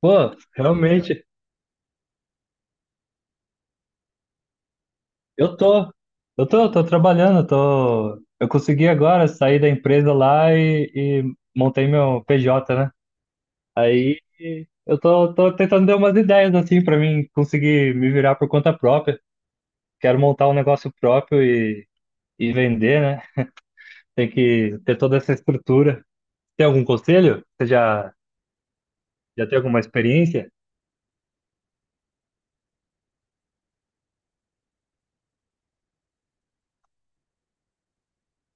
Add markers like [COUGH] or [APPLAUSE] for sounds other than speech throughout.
Pô, realmente, eu tô, eu tô trabalhando. Eu consegui agora sair da empresa lá e montei meu PJ, né? Aí eu tô tentando dar umas ideias assim pra mim conseguir me virar por conta própria. Quero montar um negócio próprio e vender, né? Tem que ter toda essa estrutura. Tem algum conselho? Já tem alguma experiência?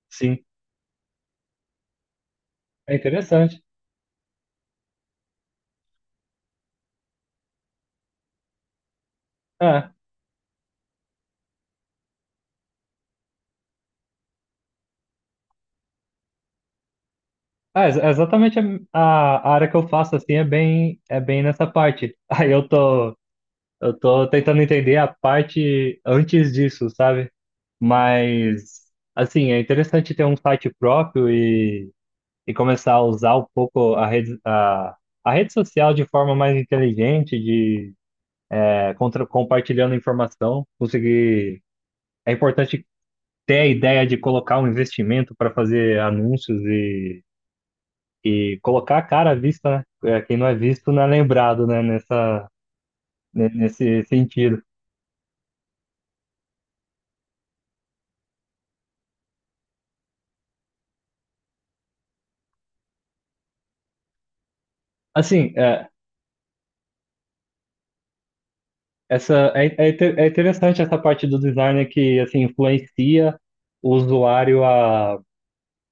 Sim, é interessante. Ah, Exatamente a área que eu faço assim é bem nessa parte. [LAUGHS] Aí eu tô tentando entender a parte antes disso, sabe? Mas assim, é interessante ter um site próprio e começar a usar um pouco a rede social de forma mais inteligente, de compartilhando informação, conseguir. É importante ter a ideia de colocar um investimento para fazer anúncios e colocar a cara à vista, né? É, quem não é visto não é lembrado, né? Nesse sentido. Assim, é, essa, é, é inte- é interessante essa parte do design que, assim, influencia o usuário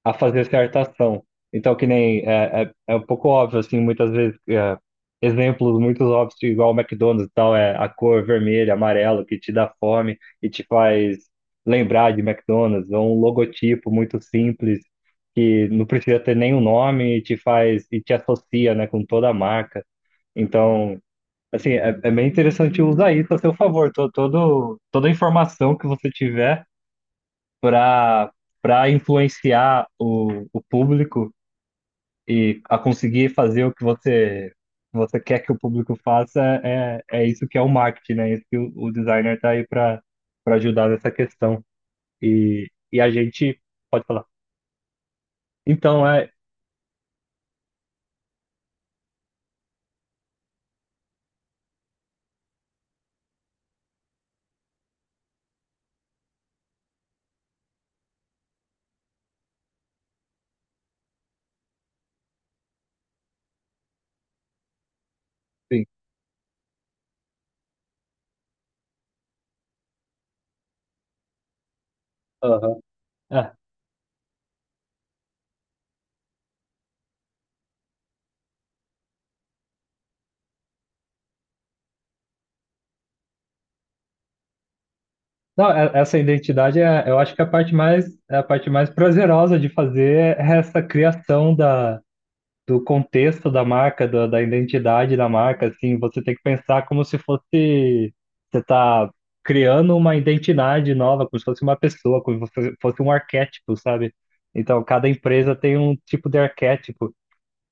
a fazer certa ação. Então, que nem é um pouco óbvio, assim, muitas vezes, exemplos muito óbvios, igual o McDonald's e tal, é a cor vermelha, amarelo, que te dá fome e te faz lembrar de McDonald's, ou um logotipo muito simples, que não precisa ter nenhum nome e te faz, e te associa, né, com toda a marca. Então, assim, é, é bem interessante usar isso a seu favor, toda a informação que você tiver para influenciar o público e a conseguir fazer o que você quer que o público faça. É isso que é o marketing, né? É isso que o designer está aí para ajudar nessa questão. E a gente pode falar. Então é, sim, aham. É. Não, essa identidade é, eu acho que é a parte mais prazerosa de fazer. É essa criação da do contexto da marca, da identidade da marca. Assim, você tem que pensar como se fosse. Você tá criando uma identidade nova, como se fosse uma pessoa, como se fosse um arquétipo, sabe? Então, cada empresa tem um tipo de arquétipo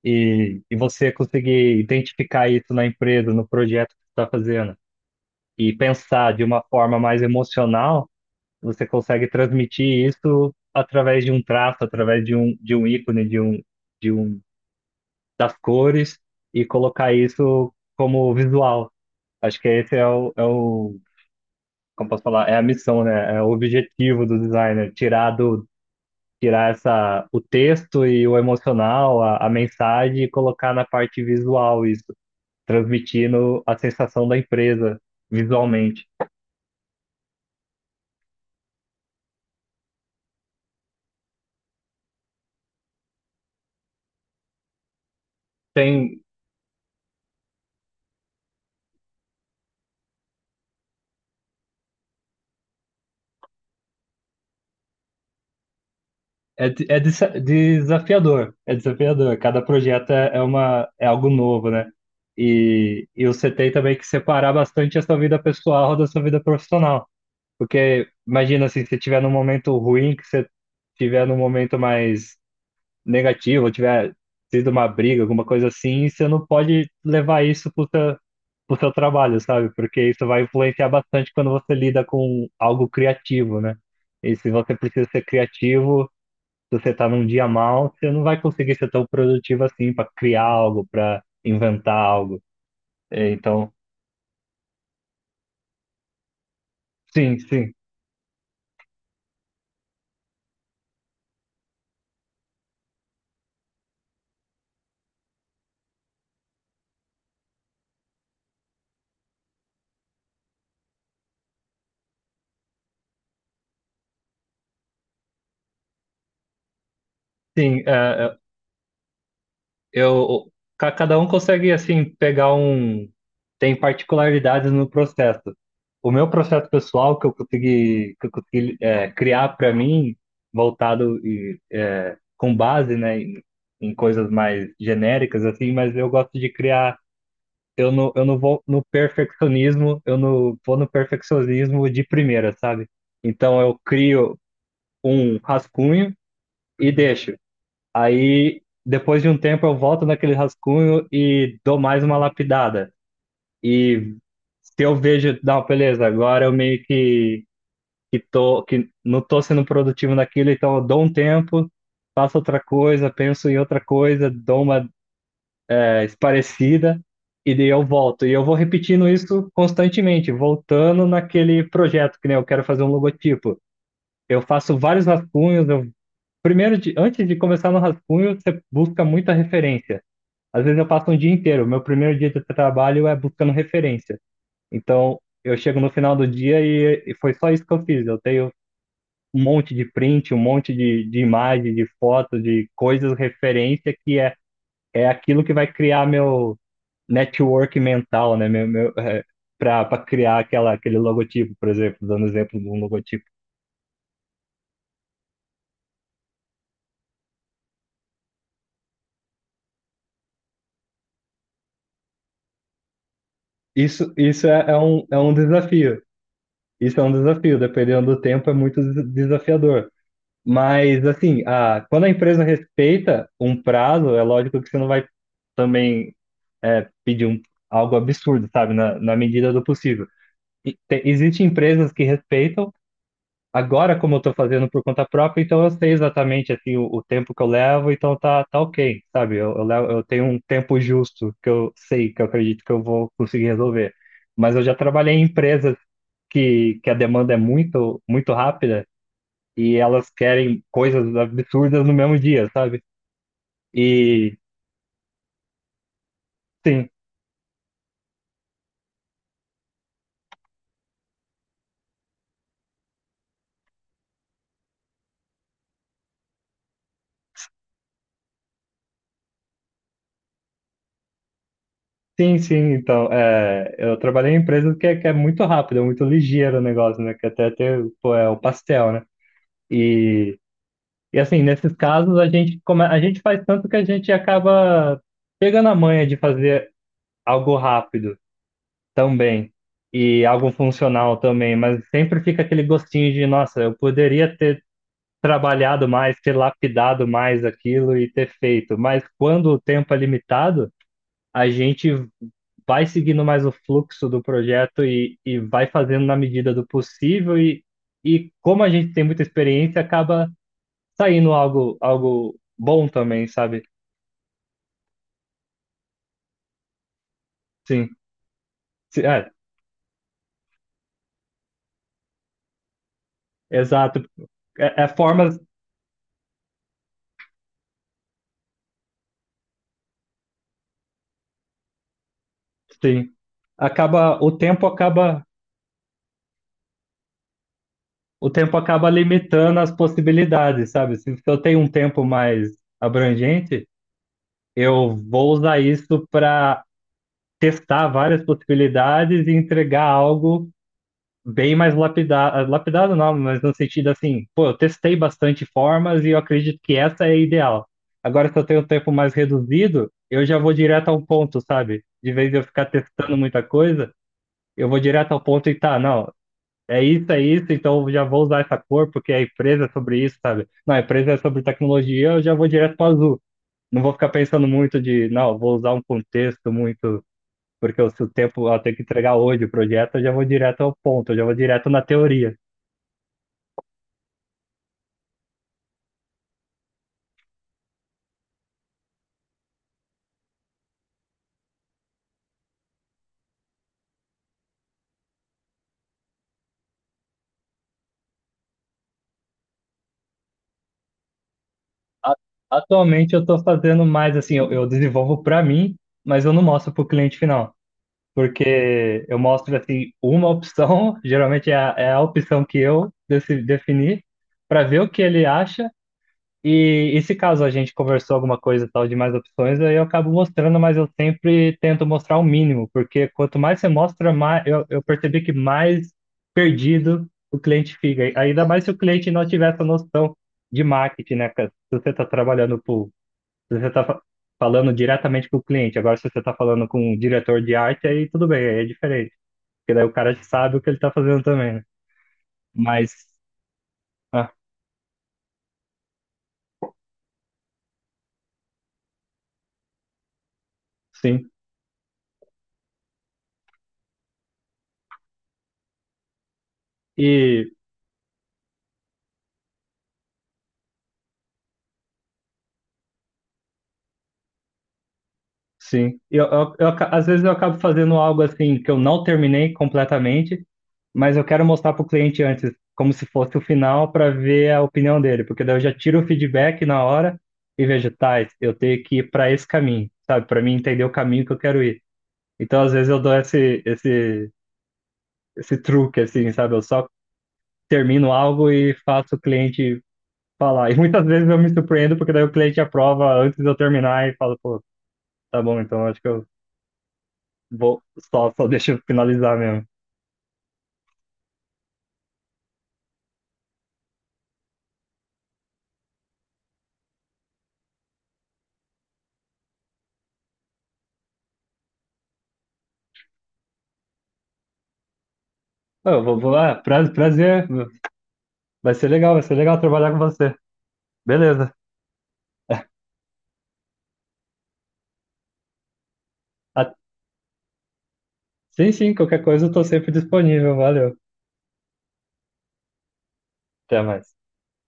e você conseguir identificar isso na empresa, no projeto que você está fazendo, e pensar de uma forma mais emocional. Você consegue transmitir isso através de um traço, através de de um ícone, de um das cores, e colocar isso como visual. Acho que esse é o, como posso falar, é a missão, né? É o objetivo do designer, tirar o texto e o emocional, a mensagem, e colocar na parte visual isso, transmitindo a sensação da empresa visualmente. Tem, desafiador, é desafiador. Cada projeto é é algo novo, né? E você tem também que separar bastante a sua vida pessoal da sua vida profissional. Porque imagina assim, se você estiver num momento ruim, que você estiver num momento mais negativo, ou tiver sido uma briga, alguma coisa assim, você não pode levar isso pro seu trabalho, sabe? Porque isso vai influenciar bastante quando você lida com algo criativo, né? E se você precisa ser criativo, se você tá num dia mal, você não vai conseguir ser tão produtivo assim para criar algo, para inventar algo. É, Então, sim, sim, sim. é, é, eu, ca- Cada um consegue assim tem particularidades no processo. O meu processo pessoal que eu consegui criar para mim, voltado e com base, né, em coisas mais genéricas assim. Mas eu gosto de criar. Eu não vou no perfeccionismo, eu não vou no perfeccionismo de primeira, sabe? Então eu crio um rascunho e deixo. Aí depois de um tempo eu volto naquele rascunho e dou mais uma lapidada. E se eu vejo, não, beleza, agora eu meio que não tô sendo produtivo naquilo, então eu dou um tempo, faço outra coisa, penso em outra coisa, dou uma parecida, e daí eu volto. E eu vou repetindo isso constantemente, voltando naquele projeto, que nem eu quero fazer um logotipo. Eu faço vários rascunhos. Antes de começar no rascunho, você busca muita referência. Às vezes eu passo um dia inteiro. Meu primeiro dia de trabalho é buscando referência. Então, eu chego no final do dia e foi só isso que eu fiz. Eu tenho um monte de print, um monte de imagem, de foto, de coisas, referência, que é aquilo que vai criar meu network mental, né? Para criar aquele logotipo, por exemplo, dando exemplo de um logotipo. Isso é um desafio. Isso é um desafio, dependendo do tempo, é muito desafiador. Mas, assim, quando a empresa respeita um prazo, é lógico que você não vai também pedir algo absurdo, sabe? Na, na medida do possível. Existem empresas que respeitam. Agora, como eu tô fazendo por conta própria, então eu sei exatamente assim o tempo que eu levo, então tá, tá ok, sabe? Eu tenho um tempo justo que eu sei, que eu acredito que eu vou conseguir resolver. Mas eu já trabalhei em empresas que a demanda é muito, muito rápida e elas querem coisas absurdas no mesmo dia, sabe? E sim, sim, sim. Então, é, eu trabalhei em empresas que, que é muito rápido, é muito ligeiro o negócio, né? Que até tem, pô, é o pastel, né? E E assim, nesses casos, a gente faz tanto que a gente acaba pegando a manha de fazer algo rápido também, e algo funcional também. Mas sempre fica aquele gostinho de, nossa, eu poderia ter trabalhado mais, ter lapidado mais aquilo e ter feito, mas quando o tempo é limitado, a gente vai seguindo mais o fluxo do projeto e vai fazendo na medida do possível, e como a gente tem muita experiência, acaba saindo algo bom também, sabe? Sim, sim, é, exato. É, é formas, sim. O tempo acaba, o tempo acaba limitando as possibilidades, sabe? Se eu tenho um tempo mais abrangente, eu vou usar isso para testar várias possibilidades e entregar algo bem mais lapidado, lapidado não, mas no sentido assim, pô, eu testei bastante formas e eu acredito que essa é a ideal. Agora, se eu tenho um tempo mais reduzido, eu já vou direto ao ponto, sabe? De vez de eu ficar testando muita coisa, eu vou direto ao ponto e tá, não, é isso, então eu já vou usar essa cor porque a empresa é sobre isso, sabe? Não, a empresa é sobre tecnologia, eu já vou direto para azul. Não vou ficar pensando muito de, não, vou usar um contexto muito, porque se o tempo, eu tenho que entregar hoje o projeto, eu já vou direto ao ponto, eu já vou direto na teoria. a- Atualmente eu estou fazendo mais assim, eu desenvolvo para mim, mas eu não mostro para o cliente final, porque eu mostro assim uma opção, [LAUGHS] geralmente é é a opção que eu defini, para ver o que ele acha, e se caso a gente conversou alguma coisa e tal de mais opções, aí eu acabo mostrando. Mas eu sempre tento mostrar o mínimo, porque quanto mais você mostra, mais eu percebi que mais perdido o cliente fica. Ainda mais se o cliente não tiver essa noção de marketing, né, cara? Se você está trabalhando se você está falando diretamente com o cliente, agora se você está falando com um diretor de arte, aí tudo bem, aí é diferente, porque daí o cara sabe o que ele está fazendo também, né? Mas, ah, sim. E Sim, às vezes eu acabo fazendo algo assim que eu não terminei completamente, mas eu quero mostrar para o cliente antes, como se fosse o final, para ver a opinião dele, porque daí eu já tiro o feedback na hora e vejo, tá, eu tenho que ir para esse caminho, sabe, para mim entender o caminho que eu quero ir. Então, às vezes eu dou esse truque, assim, sabe, eu só termino algo e faço o cliente falar. E muitas vezes eu me surpreendo, porque daí o cliente aprova antes de eu terminar e fala, pô, tá bom, então acho que eu vou, só, só deixa eu finalizar mesmo. Eu vou, vou, ah, pra- Prazer. Vai ser legal trabalhar com você. Beleza. Ah, sim, sim, qualquer coisa eu tô sempre disponível. Valeu. Até mais.